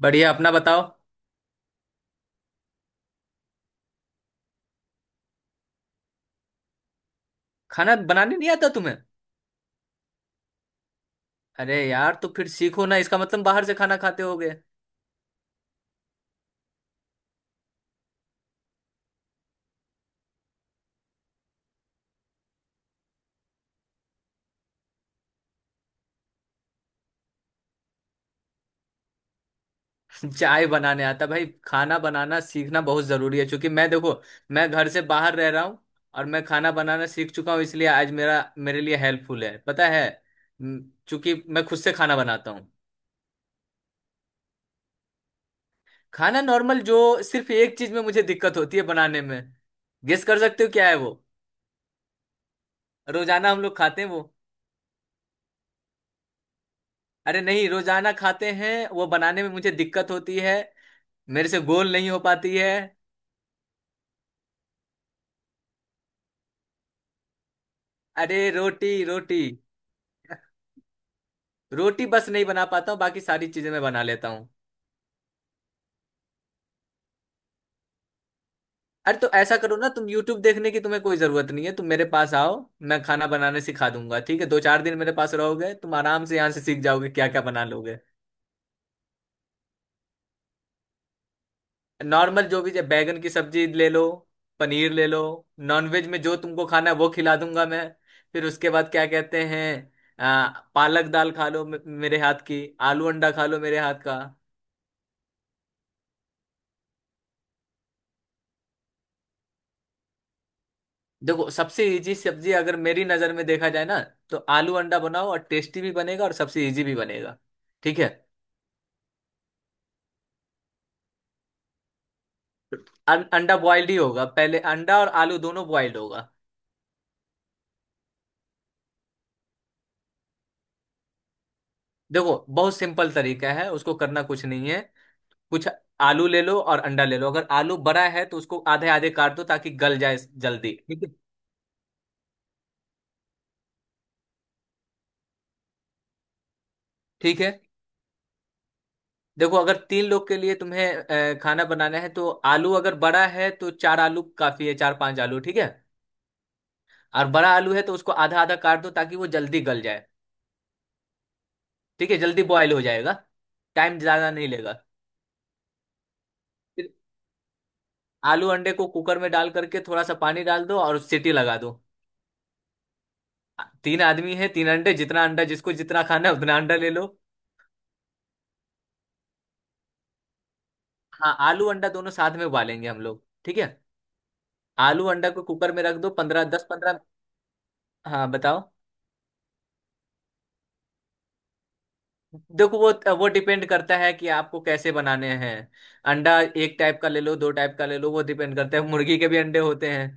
बढ़िया। अपना बताओ। खाना बनाने नहीं आता तुम्हें? अरे यार, तो फिर सीखो ना। इसका मतलब बाहर से खाना खाते होगे। चाय बनाने आता भाई? खाना बनाना सीखना बहुत जरूरी है, क्योंकि मैं देखो, मैं घर से बाहर रह रहा हूँ। और मैं खाना बनाना सीख चुका हूँ, इसलिए आज मेरा मेरे लिए हेल्पफुल है, पता है? चूंकि मैं खुद से खाना बनाता हूँ। खाना नॉर्मल जो, सिर्फ एक चीज में मुझे दिक्कत होती है बनाने में। गेस कर सकते हो क्या है वो? रोजाना हम लोग खाते हैं वो। अरे नहीं, रोजाना खाते हैं वो बनाने में मुझे दिक्कत होती है। मेरे से गोल नहीं हो पाती है। अरे रोटी रोटी। रोटी बस नहीं बना पाता हूँ, बाकी सारी चीजें मैं बना लेता हूँ। अरे तो ऐसा करो ना, तुम यूट्यूब देखने की तुम्हें कोई जरूरत नहीं है, तुम मेरे पास आओ। मैं खाना बनाने सिखा दूंगा। ठीक है? दो चार दिन मेरे पास रहोगे तुम, आराम से यहाँ से सीख जाओगे। क्या क्या बना लोगे? नॉर्मल जो भी, जब बैगन की सब्जी ले लो, पनीर ले लो। नॉनवेज में जो तुमको खाना है वो खिला दूंगा मैं। फिर उसके बाद क्या कहते हैं, आ, पालक दाल खा लो मेरे हाथ की। आलू अंडा खा लो मेरे हाथ का। देखो सबसे इजी सब्जी अगर मेरी नजर में देखा जाए ना, तो आलू अंडा बनाओ, और टेस्टी भी बनेगा और सबसे इजी भी बनेगा। ठीक है। अंडा बॉइल्ड ही होगा, पहले अंडा और आलू दोनों बॉइल्ड होगा। देखो बहुत सिंपल तरीका है, उसको करना कुछ नहीं है, कुछ आलू ले लो और अंडा ले लो। अगर आलू बड़ा है तो उसको आधे आधे काट दो ताकि गल जाए जल्दी। ठीक है। ठीक है, देखो अगर 3 लोग के लिए तुम्हें खाना बनाना है, तो आलू अगर बड़ा है तो 4 आलू काफी है, 4-5 आलू। ठीक है। और बड़ा आलू है तो उसको आधा आधा काट दो ताकि वो जल्दी गल जाए। ठीक है, जल्दी बॉयल हो जाएगा। टाइम ज्यादा नहीं लेगा। फिर आलू अंडे को कुकर में डाल करके थोड़ा सा पानी डाल दो और सीटी लगा दो। 3 आदमी है, 3 अंडे। जितना अंडा जिसको जितना खाना है उतना अंडा ले लो। हाँ, आलू अंडा दोनों साथ में उबालेंगे हम लोग। ठीक है, आलू अंडा को कुकर में रख दो, पंद्रह, दस पंद्रह। हाँ, बताओ। देखो वो डिपेंड करता है कि आपको कैसे बनाने हैं। अंडा एक टाइप का ले लो, दो टाइप का ले लो, वो डिपेंड करता है। मुर्गी के भी अंडे होते हैं।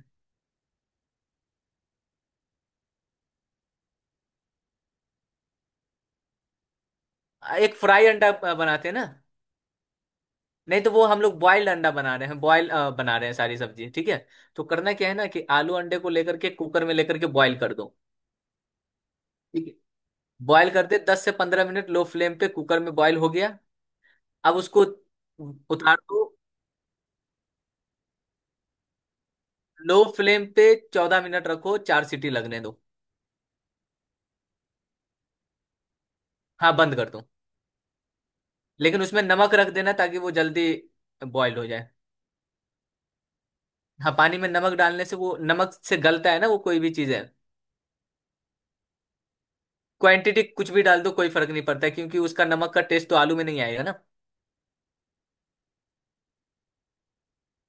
एक फ्राई अंडा बनाते हैं ना? नहीं तो वो हम लोग बॉइल्ड अंडा बना रहे हैं, बॉयल बना रहे हैं सारी सब्जी। ठीक है। तो करना क्या है ना, कि आलू अंडे को लेकर के कुकर में लेकर के बॉईल कर दो। ठीक है। बॉईल कर दे 10 से 15 मिनट, लो फ्लेम पे कुकर में बॉईल हो गया, अब उसको उतार दो। लो फ्लेम पे 14 मिनट रखो, 4 सीटी लगने दो। हाँ, बंद कर दो। लेकिन उसमें नमक रख देना ताकि वो जल्दी बॉईल हो जाए। हाँ, पानी में नमक डालने से वो नमक से गलता है ना, वो कोई भी चीज़ है। क्वांटिटी कुछ भी डाल दो, कोई फर्क नहीं पड़ता है, क्योंकि उसका नमक का टेस्ट तो आलू में नहीं आएगा ना।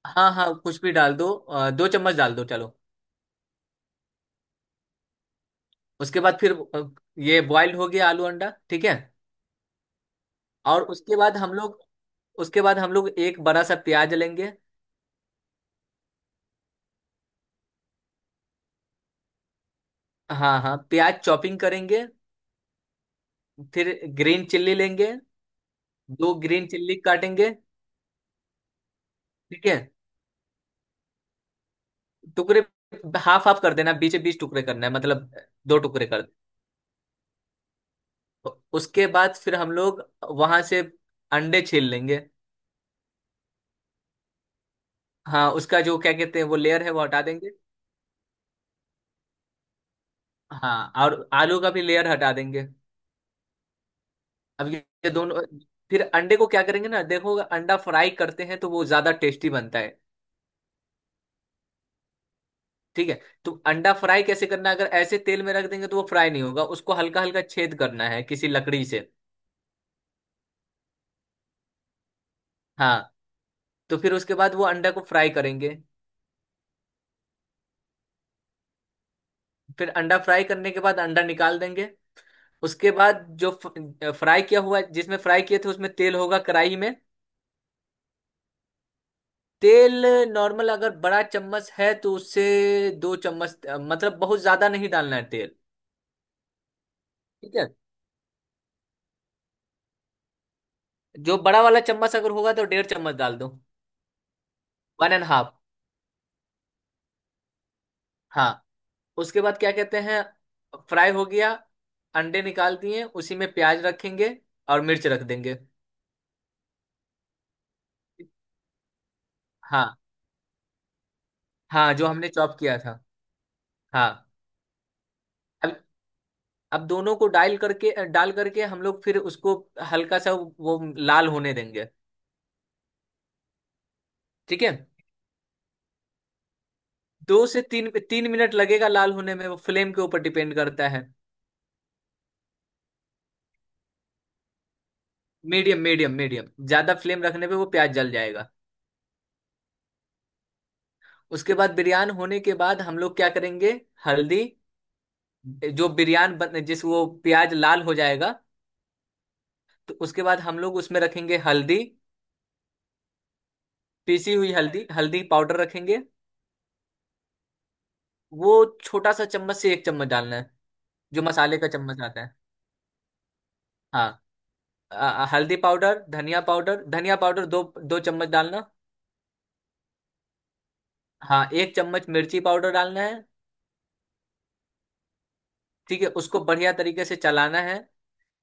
हाँ हाँ, कुछ भी डाल दो, 2 चम्मच डाल दो चलो। उसके बाद फिर ये बॉइल्ड हो गया आलू अंडा। ठीक है। और उसके बाद हम लोग, उसके बाद हम लोग एक बड़ा सा प्याज लेंगे। हाँ हाँ, प्याज चॉपिंग करेंगे, फिर ग्रीन चिल्ली लेंगे, 2 ग्रीन चिल्ली काटेंगे। ठीक है, टुकड़े हाफ हाफ कर देना, बीच बीच टुकड़े करना है मतलब, 2 टुकड़े कर। उसके बाद फिर हम लोग वहां से अंडे छील लेंगे। हाँ, उसका जो क्या कहते हैं, वो लेयर है वो हटा देंगे। हाँ, और आलू का भी लेयर हटा देंगे। अब ये दोनों, फिर अंडे को क्या करेंगे ना, देखो अगर अंडा फ्राई करते हैं तो वो ज्यादा टेस्टी बनता है। ठीक है। तो अंडा फ्राई कैसे करना है? अगर ऐसे तेल में रख देंगे तो वो फ्राई नहीं होगा, उसको हल्का हल्का छेद करना है किसी लकड़ी से। हाँ, तो फिर उसके बाद वो अंडा को फ्राई करेंगे। फिर अंडा फ्राई करने के बाद अंडा निकाल देंगे। उसके बाद जो फ्राई किया हुआ, जिसमें फ्राई किए थे उसमें तेल होगा कढ़ाई में। तेल नॉर्मल अगर बड़ा चम्मच है तो उससे 2 चम्मच, मतलब बहुत ज्यादा नहीं डालना है तेल। ठीक है। जो बड़ा वाला चम्मच अगर होगा तो 1.5 चम्मच डाल दो। One and half. हाँ, उसके बाद क्या कहते हैं, फ्राई हो गया, अंडे निकाल दिए, उसी में प्याज रखेंगे और मिर्च रख देंगे। हाँ हाँ, जो हमने चॉप किया था। हाँ, अब अब दोनों को डाल करके, डाल करके हम लोग फिर उसको हल्का सा वो लाल होने देंगे। ठीक है, 2 से 3, 3 मिनट लगेगा लाल होने में, वो फ्लेम के ऊपर डिपेंड करता है। मीडियम मीडियम मीडियम, ज्यादा फ्लेम रखने पे वो प्याज जल जाएगा। उसके बाद बिरयान होने के बाद हम लोग क्या करेंगे, हल्दी। जो बिरयान बन जिस, वो प्याज लाल हो जाएगा, तो उसके बाद हम लोग उसमें रखेंगे हल्दी। पीसी हुई हल्दी, हल्दी पाउडर रखेंगे। वो छोटा सा चम्मच से 1 चम्मच डालना है, जो मसाले का चम्मच आता है। हाँ, हल्दी पाउडर, धनिया पाउडर, धनिया पाउडर दो, दो चम्मच डालना। हाँ, 1 चम्मच मिर्ची पाउडर डालना है। ठीक है, उसको बढ़िया तरीके से चलाना है।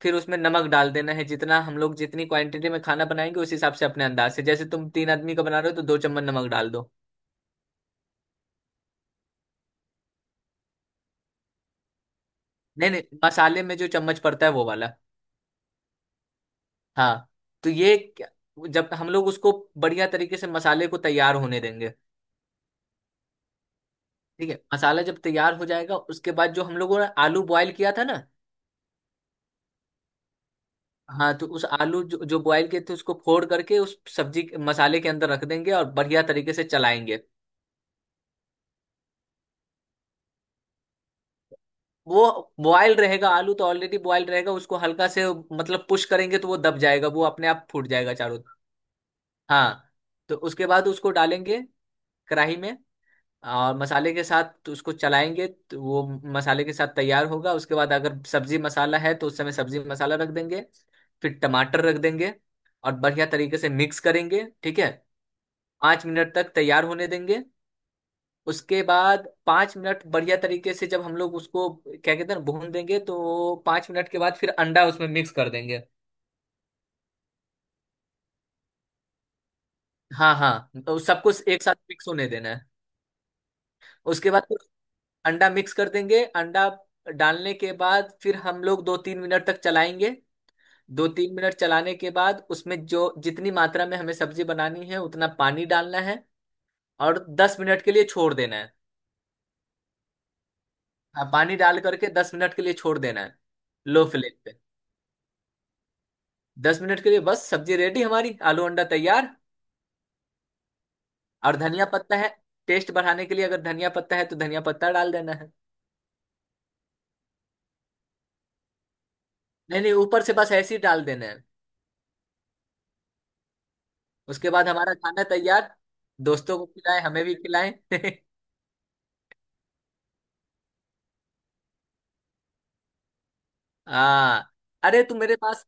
फिर उसमें नमक डाल देना है, जितना हम लोग जितनी क्वांटिटी में खाना बनाएंगे उस हिसाब से अपने अंदाज से, जैसे तुम 3 आदमी का बना रहे हो तो 2 चम्मच नमक डाल दो। नहीं नहीं, मसाले में जो चम्मच पड़ता है वो वाला। हाँ, तो ये जब हम लोग उसको बढ़िया तरीके से मसाले को तैयार होने देंगे। ठीक है, मसाला जब तैयार हो जाएगा उसके बाद जो हम लोगों ने आलू बॉयल किया था ना, हाँ, तो उस आलू जो बॉयल किए थे उसको फोड़ करके उस मसाले के अंदर रख देंगे और बढ़िया तरीके से चलाएंगे। वो बॉयल रहेगा, आलू तो ऑलरेडी बॉयल रहेगा, उसको हल्का से मतलब पुश करेंगे तो वो दब जाएगा, वो अपने आप फूट जाएगा चारों तरफ। हाँ, तो उसके बाद उसको डालेंगे कढ़ाई में, और मसाले के साथ तो उसको चलाएंगे, तो वो मसाले के साथ तैयार होगा। उसके बाद अगर सब्जी मसाला है तो उस समय सब्जी मसाला रख देंगे, फिर टमाटर रख देंगे और बढ़िया तरीके से मिक्स करेंगे। ठीक है। 5 मिनट तक तैयार होने देंगे। उसके बाद 5 मिनट बढ़िया तरीके से जब हम लोग उसको क्या कहते हैं ना भून देंगे, तो 5 मिनट के बाद फिर अंडा उसमें मिक्स कर देंगे। हाँ हाँ, तो सब कुछ एक साथ मिक्स होने देना है। उसके बाद फिर अंडा मिक्स कर देंगे, अंडा डालने के बाद फिर हम लोग 2-3 मिनट तक चलाएंगे। 2-3 मिनट चलाने के बाद उसमें जो जितनी मात्रा में हमें सब्जी बनानी है उतना पानी डालना है, और 10 मिनट के लिए छोड़ देना है। हाँ, पानी डाल करके 10 मिनट के लिए छोड़ देना है, लो फ्लेम पे। 10 मिनट के लिए, बस सब्जी रेडी, हमारी आलू अंडा तैयार। और धनिया पत्ता है, टेस्ट बढ़ाने के लिए अगर धनिया पत्ता है तो धनिया पत्ता डाल देना है। नहीं नहीं, ऊपर से बस ऐसे ही डाल देना है। उसके बाद हमारा खाना तैयार। दोस्तों को खिलाएं, हमें भी खिलाएं। हाँ, अरे तू मेरे पास।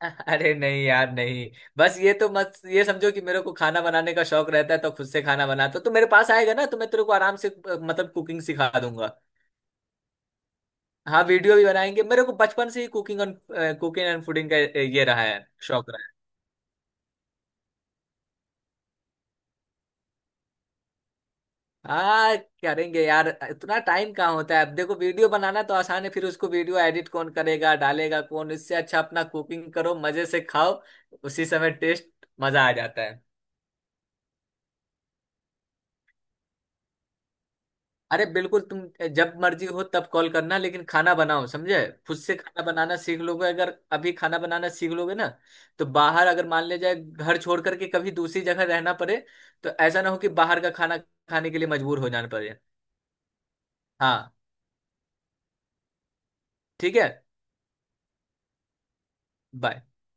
अरे नहीं यार, नहीं बस ये तो मत, ये समझो कि मेरे को खाना बनाने का शौक रहता है तो खुद से खाना बनाता हूँ। तो मेरे पास आएगा ना तो मैं तेरे को आराम से मतलब कुकिंग सिखा दूंगा। हाँ, वीडियो भी बनाएंगे। मेरे को बचपन से ही कुकिंग एंड फूडिंग का ये रहा है शौक। हाँ, करेंगे यार, इतना टाइम कहाँ होता है? अब देखो वीडियो बनाना तो आसान है, फिर उसको वीडियो एडिट कौन करेगा, डालेगा कौन, इससे अच्छा अपना कुकिंग करो, मजे से खाओ उसी समय टेस्ट, मजा आ जाता है। अरे बिल्कुल, तुम जब मर्जी हो तब कॉल करना, लेकिन खाना बनाओ समझे। खुद से खाना बनाना सीख लोगे, अगर अभी खाना बनाना सीख लोगे ना, तो बाहर अगर मान ले जाए घर छोड़ करके कभी दूसरी जगह रहना पड़े, तो ऐसा ना हो कि बाहर का खाना खाने के लिए मजबूर हो जाना पड़े। हाँ, ठीक है। Bye.